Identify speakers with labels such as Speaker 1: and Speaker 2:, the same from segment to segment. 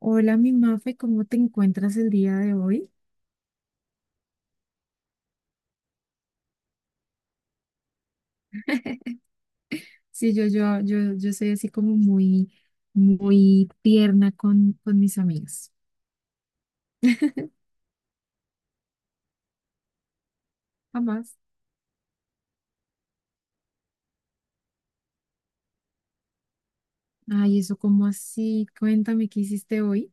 Speaker 1: Hola, mi Mafe, ¿cómo te encuentras el día de hoy? Sí, yo soy así como muy, muy tierna con, mis amigas. Jamás. Ay, eso como así. Cuéntame qué hiciste hoy.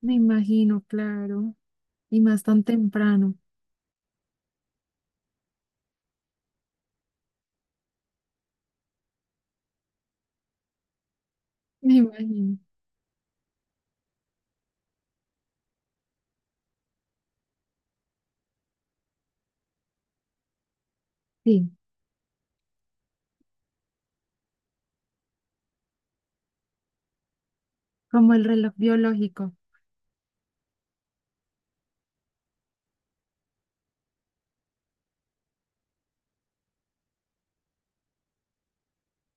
Speaker 1: Me imagino, claro. Y más tan temprano. Me imagino. Sí, como el reloj biológico.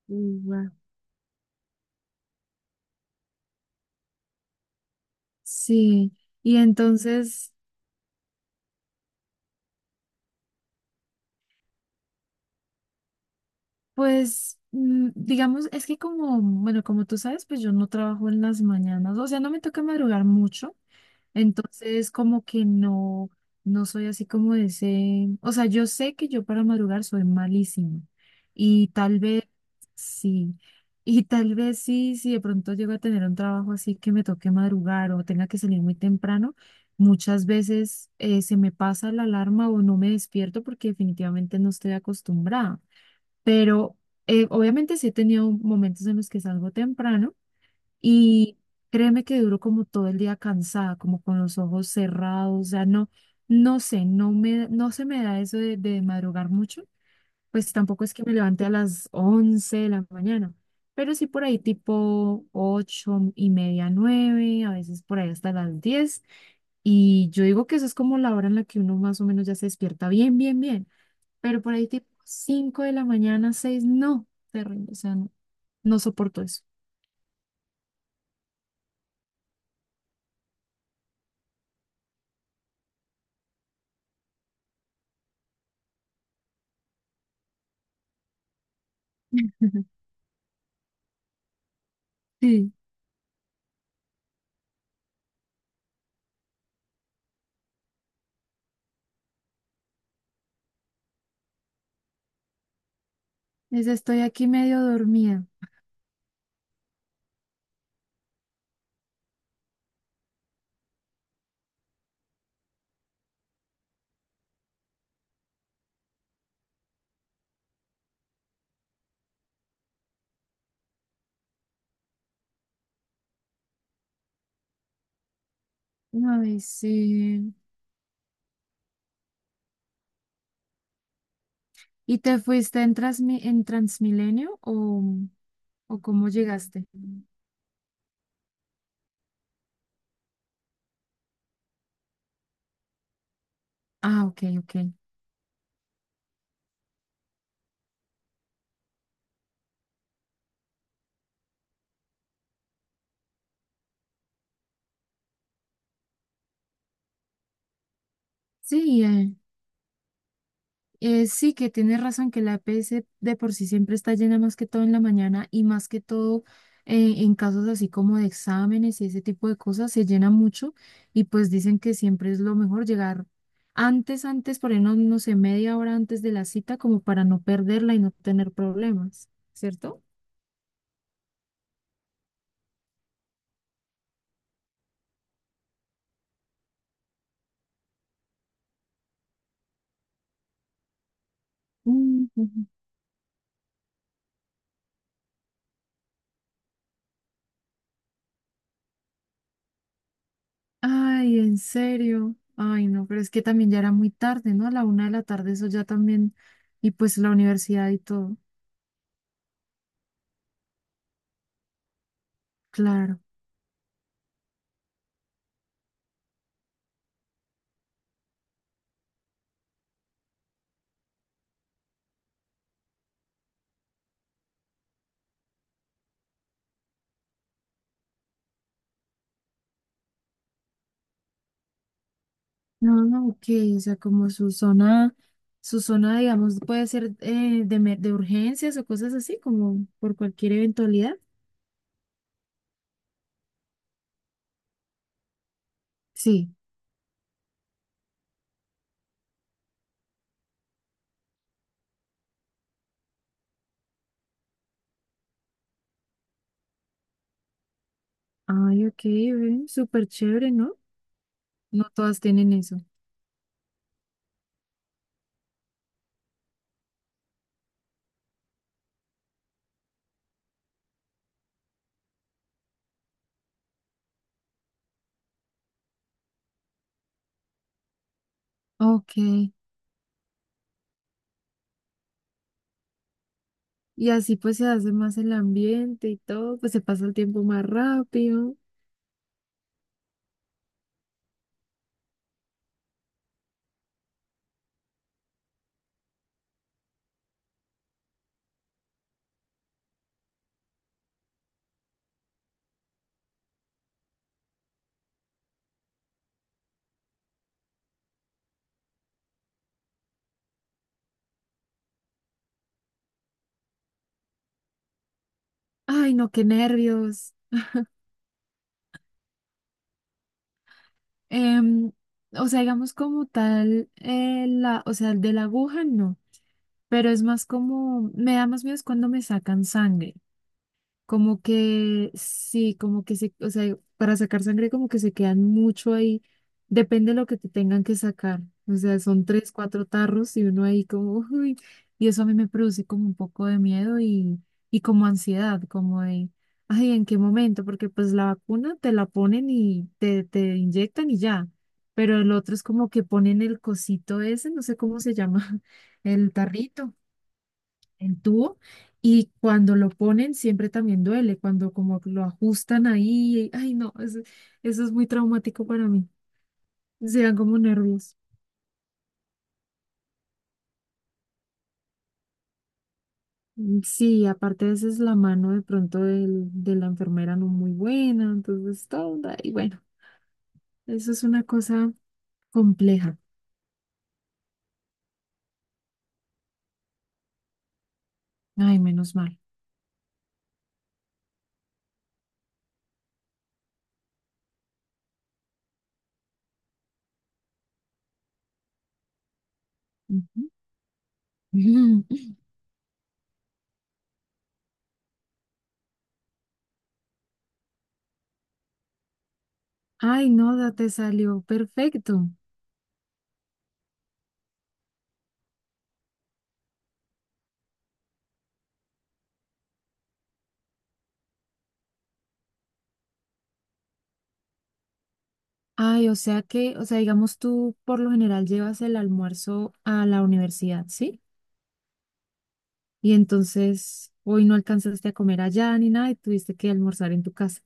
Speaker 1: Uy, guau. Sí. Y entonces, pues, digamos, es que como, bueno, como tú sabes, pues yo no trabajo en las mañanas. O sea, no me toca madrugar mucho. Entonces, como que no, no soy así como de ese, o sea, yo sé que yo para madrugar soy malísima y sí, tal vez sí, si de pronto llego a tener un trabajo así que me toque madrugar o tenga que salir muy temprano, muchas veces se me pasa la alarma o no me despierto porque definitivamente no estoy acostumbrada, pero obviamente sí he tenido momentos en los que salgo temprano y créeme que duro como todo el día cansada, como con los ojos cerrados, o sea, no, no sé, no se me da eso de, madrugar mucho, pues tampoco es que me levante a las 11 de la mañana, pero sí por ahí tipo 8:30, 9 a veces por ahí hasta las 10 y yo digo que eso es como la hora en la que uno más o menos ya se despierta bien, bien, bien, pero por ahí tipo 5 de la mañana, 6 no, terrible, o sea, no, no soporto eso. Sí, les estoy aquí medio dormida. Ay, sí. ¿Y te fuiste en, Transmilenio o, cómo llegaste? Ah, ok, ok. Sí, sí que tienes razón que la EPS de por sí siempre está llena más que todo en la mañana y más que todo en casos así como de exámenes y ese tipo de cosas se llena mucho y pues dicen que siempre es lo mejor llegar antes, por ahí no, no sé, media hora antes de la cita como para no perderla y no tener problemas, ¿cierto? Mm, ujú. Ay, en serio. Ay, no, pero es que también ya era muy tarde, ¿no? A la 1 de la tarde, eso ya también. Y pues la universidad y todo. Claro. No, no, ok. O sea, como su zona, digamos, puede ser de urgencias o cosas así, como por cualquier eventualidad. Sí. Ay, ok, ven, súper chévere, ¿no? No todas tienen eso. Ok. Y así pues se hace más el ambiente y todo, pues se pasa el tiempo más rápido. Ay, no, qué nervios. Em, o sea, digamos como tal, o sea, el de la aguja no, pero es más como, me da más miedo es cuando me sacan sangre. Como que sí, o sea, para sacar sangre como que se quedan mucho ahí. Depende de lo que te tengan que sacar. O sea, son tres, cuatro tarros y uno ahí como, uy, y eso a mí me produce como un poco de miedo y, como ansiedad, como de, ay, ¿en qué momento? Porque pues la vacuna te la ponen y te inyectan y ya. Pero el otro es como que ponen el cosito ese, no sé cómo se llama, el tarrito el tubo y cuando lo ponen siempre también duele, cuando como lo ajustan ahí, ay no, eso es muy traumático para mí, se dan como nervios. Sí, aparte a veces la mano de pronto de la enfermera no muy buena, entonces todo, y bueno, eso es una cosa compleja, ay, menos mal. Ujú. Ay, no, te salió perfecto. Ay, o sea que, o sea, digamos tú por lo general llevas el almuerzo a la universidad, ¿sí? Y entonces hoy no alcanzaste a comer allá ni nada y tuviste que almorzar en tu casa.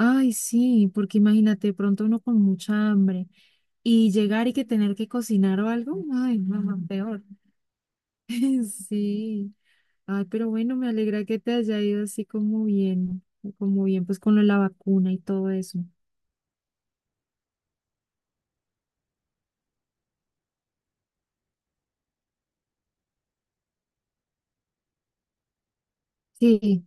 Speaker 1: Ay, sí, porque imagínate, de pronto uno con mucha hambre y llegar y que tener que cocinar o algo, ay, no, no, peor. Sí, ay, pero bueno, me alegra que te haya ido así como bien, pues con lo de la vacuna y todo eso. Sí,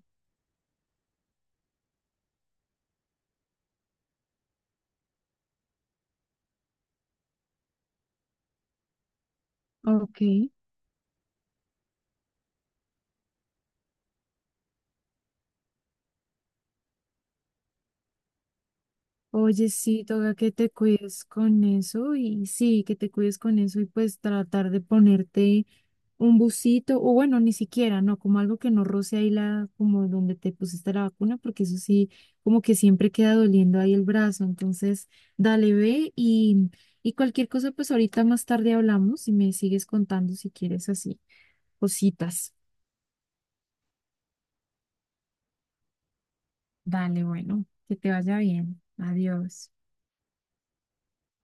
Speaker 1: ok. Oye, sí, toca que te cuides con eso y sí, que te cuides con eso y pues tratar de ponerte un busito, o bueno, ni siquiera, no, como algo que no roce ahí la, como donde te pusiste la vacuna, porque eso sí, como que siempre queda doliendo ahí el brazo. Entonces, dale, ve y cualquier cosa, pues ahorita más tarde hablamos y me sigues contando si quieres así, cositas. Dale, bueno, que te vaya bien. Adiós.